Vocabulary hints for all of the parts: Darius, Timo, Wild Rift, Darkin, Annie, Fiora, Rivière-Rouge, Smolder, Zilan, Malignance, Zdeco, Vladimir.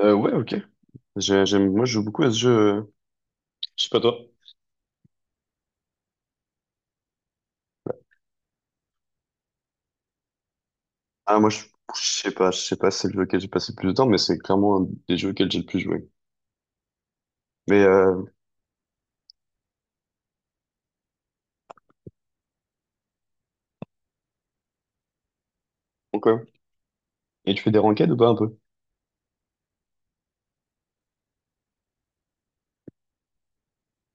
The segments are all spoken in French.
Ouais, ok. J'aime, moi, je joue beaucoup à ce jeu. Je sais pas toi. Ah, moi, je, je sais pas, si c'est le jeu auquel j'ai passé le plus de temps, mais c'est clairement un des jeux auxquels j'ai le plus joué. Mais, euh, ok. Et tu fais des ranked ou pas un peu?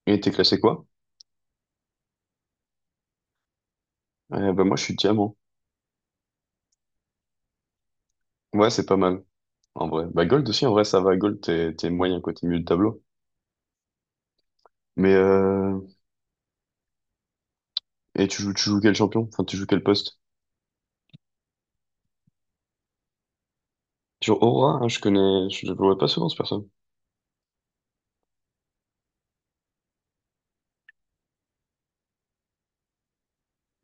Et t'es classé quoi? Moi, je suis diamant. Ouais, c'est pas mal. En vrai. Bah, gold aussi, en vrai, ça va. Gold, t'es moyen, quoi. T'es milieu de tableau. Mais, euh, et tu joues quel champion? Enfin, tu joues quel poste? Tu joues Aura, hein, je connais, je le vois pas souvent, ce perso.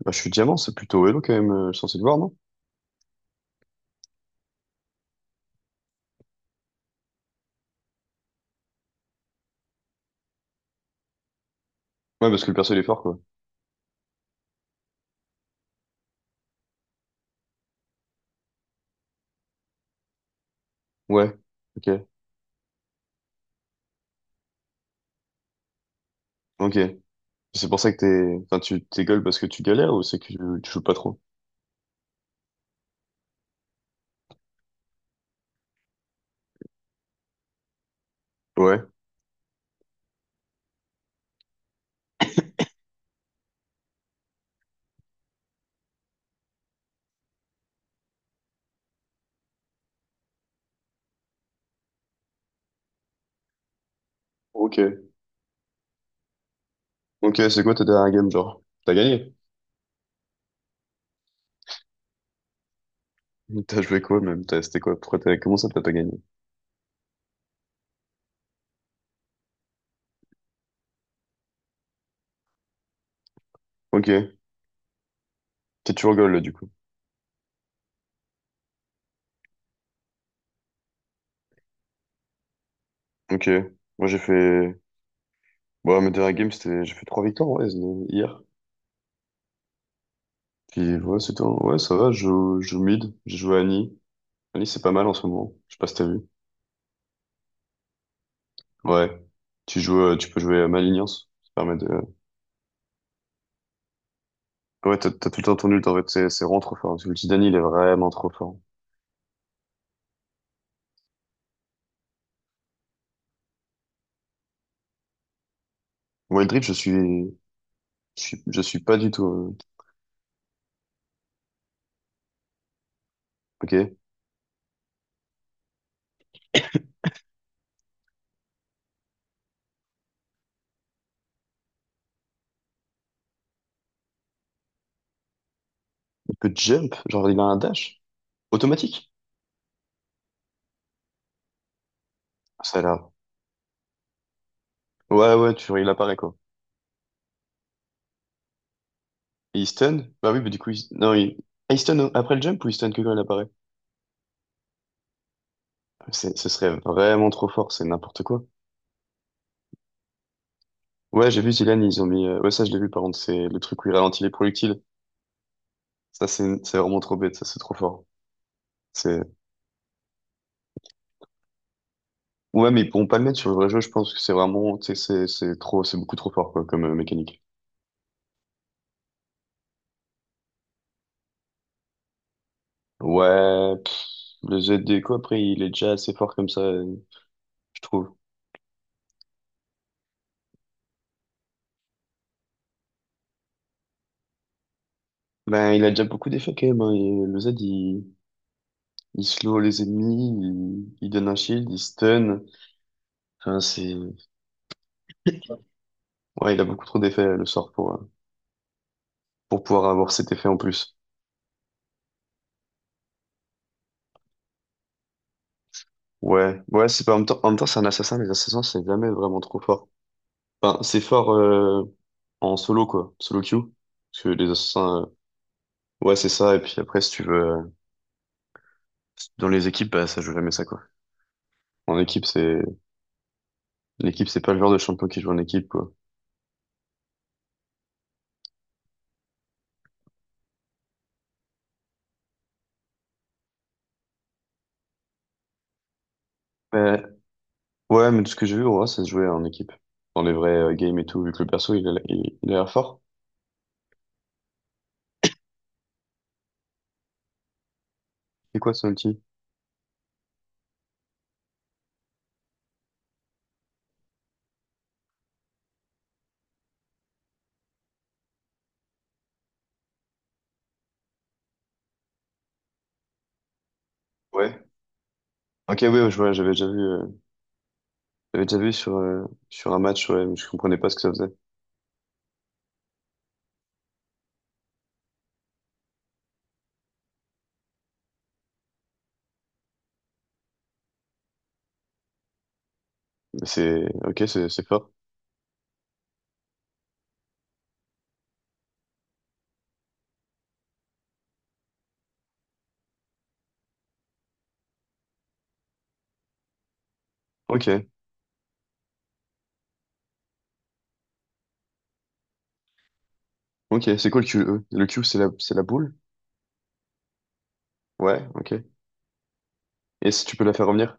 Bah, je suis diamant, c'est plutôt Elo, quand même, censé le voir, non? Ouais, parce que le perso, il est fort, quoi. Ouais. Ok. Ok. C'est pour ça que enfin, tu t'es gueule parce que tu galères ou c'est que tu joues pas trop? Ouais. Ok. Ok, c'est quoi ta dernière game, genre? T'as gagné? T'as joué quoi même? C'était quoi? Pourquoi comment ça t'as pas gagné? Ok. T'es toujours goal, là, du coup. Ok. Moi, j'ai fait, bon, mes dernières games, j'ai fait trois victoires, ouais, hier. Puis, ouais, c'était Ouais, ça va, je joue mid. J'ai joué Annie. Annie, c'est pas mal en ce moment. Je sais pas si t'as vu. Ouais. Tu joues, tu peux jouer à Malignance. Ouais, t'as tout le temps ton ult, en fait. C'est vraiment trop fort. L'ulti d'Annie, il est vraiment trop fort. Wild Rift, je suis, je suis, je suis pas du tout. Ok. Il peut jump, genre il a un dash automatique. Ah, ça a l'air. Ouais, ouais, vois, il apparaît quoi. Et il stun? Bah oui, mais du coup, non, ah, il stun après le jump ou il stun que quand il apparaît? Ce serait vraiment trop fort, c'est n'importe quoi. Ouais, j'ai vu Zilan, ils ont mis. Ouais, ça, je l'ai vu par contre, c'est le truc où il ralentit les projectiles. Ça, c'est vraiment trop bête, ça, c'est trop fort. C'est. Ouais, mais ils pourront pas le mettre sur le vrai jeu, je pense que c'est vraiment. Tu sais, c'est trop, c'est beaucoup trop fort, quoi, comme mécanique. Ouais, pff, le Zdeco, après, il est déjà assez fort comme ça, je trouve. Ben, il a déjà beaucoup d'effets quand même, hein. Et le Z, il slow les ennemis, il donne un shield, il stun. Enfin, c'est, ouais, il a beaucoup trop d'effets, le sort, pour pouvoir avoir cet effet en plus. Ouais, ouais, c'est pas, en même temps, c'est un assassin, les assassins, c'est jamais vraiment trop fort. Enfin, c'est fort, en solo, quoi, solo queue. Parce que les assassins, ouais, c'est ça, et puis après, si tu veux, dans les équipes, bah, ça joue jamais ça, quoi. En équipe, c'est, L'équipe, c'est pas le genre de champion qui joue en équipe, quoi. Mais, ouais, mais de ce que j'ai vu, on voit, ça se jouait en équipe. Dans les vrais games et tout, vu que le perso, il a l'air fort. C'est quoi son outil? Ouais. Ok, oui, ouais, je vois, j'avais déjà vu sur, sur un match, ouais, mais je comprenais pas ce que ça faisait. Ok, c'est fort. Ok, ok, c'est quoi le QE? Le Q, c'est la boule? Ouais, ok. Et si tu peux la faire revenir?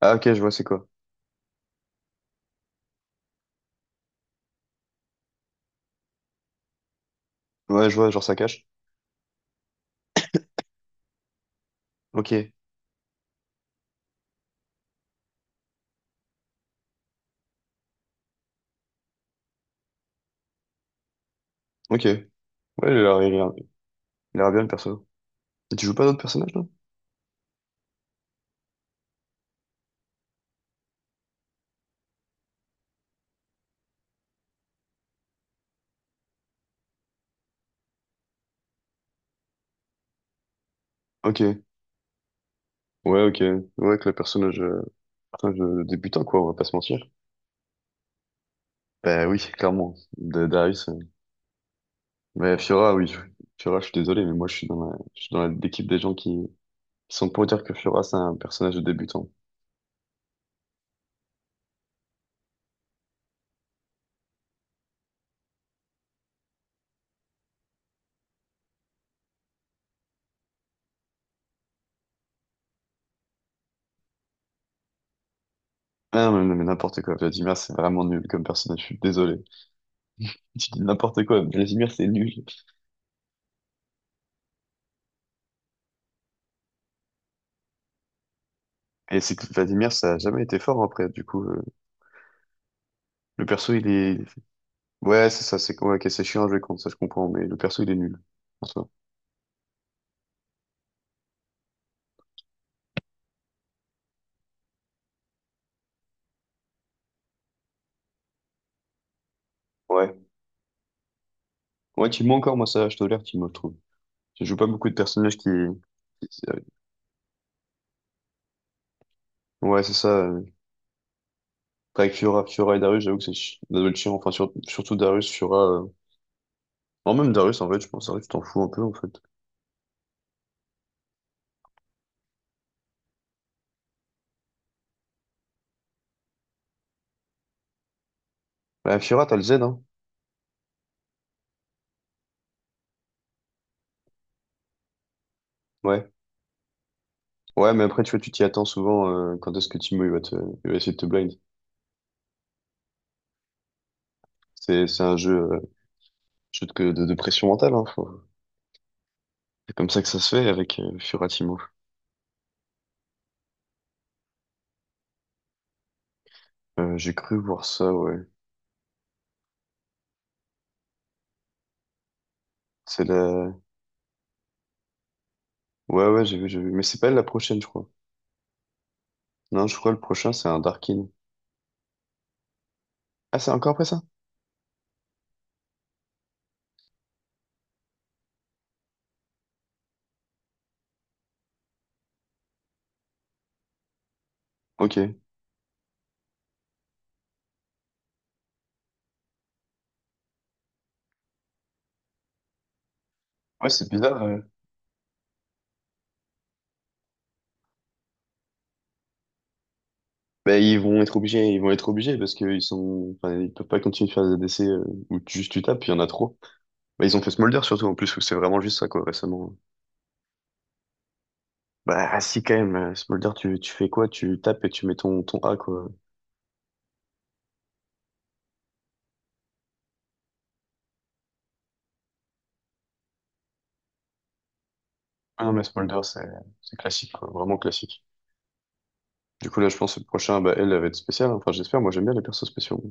Ah, ok, je vois, c'est quoi? Ouais, je vois, genre ça cache. Ok, ok. Ouais, il a l'air, il a l'air il a l'air bien, le perso. Et tu joues pas d'autres personnages, non? Ok. Ouais, ok. Ouais, que le personnage, putain, débutant, quoi, on va pas se mentir. Bah oui, clairement, de Darius. Mais Fiora, Fiora, je suis désolé, mais moi, je suis dans l'équipe des gens qui sont pour dire que Fiora, c'est un personnage de débutant. Ah, mais n'importe quoi, Vladimir, c'est vraiment nul comme personnage, je suis désolé. Tu dis n'importe quoi, Vladimir, c'est nul. Et c'est que Vladimir, ça a jamais été fort, après, le perso, il est... Ouais, c'est ça, c'est ouais, ok, c'est chiant à jouer contre, ça, je comprends, mais le perso, il est nul, en soi. Ouais. Ouais, Timo encore, moi, ça, je tolère Timo, je trouve. Je joue pas beaucoup de personnages qui... qui- euh, ouais, c'est ça. Après, avec Fiora, Fiora et Darius, j'avoue que ça doit être chiant. Enfin, surtout Darius, Fiora... Non, même Darius, en fait, je pense. Darius, tu t'en fous un peu, en fait. Ouais, Fiora, t'as le Z, hein? Ouais. Ouais, mais après, tu vois, tu t'y attends souvent quand est-ce que Timo, il va te... il va essayer de te blind. C'est un jeu, jeu de... de pression mentale, hein. C'est comme ça que ça se fait avec Fiora Timo. J'ai cru voir ça, ouais. C'est la... Ouais, ouais, j'ai vu, j'ai vu. Mais c'est pas elle la prochaine, je crois. Non, je crois que le prochain, c'est un Darkin. Ah, c'est encore après ça? Ok. Ouais, c'est bizarre. Ben, ils vont être obligés parce qu'ils sont, enfin, ils peuvent pas continuer de faire des essais où juste tu tapes, il y en a trop. Ben, ils ont fait Smolder surtout en plus où c'est vraiment juste ça quoi récemment. Bah ah, si quand même, Smolder tu fais quoi? Tu tapes et tu mets ton A quoi. Ah non mais Smolder c'est classique quoi, vraiment classique. Du coup là je pense que le prochain bah elle va être spéciale. Hein. Enfin j'espère, moi j'aime bien les persos spéciaux.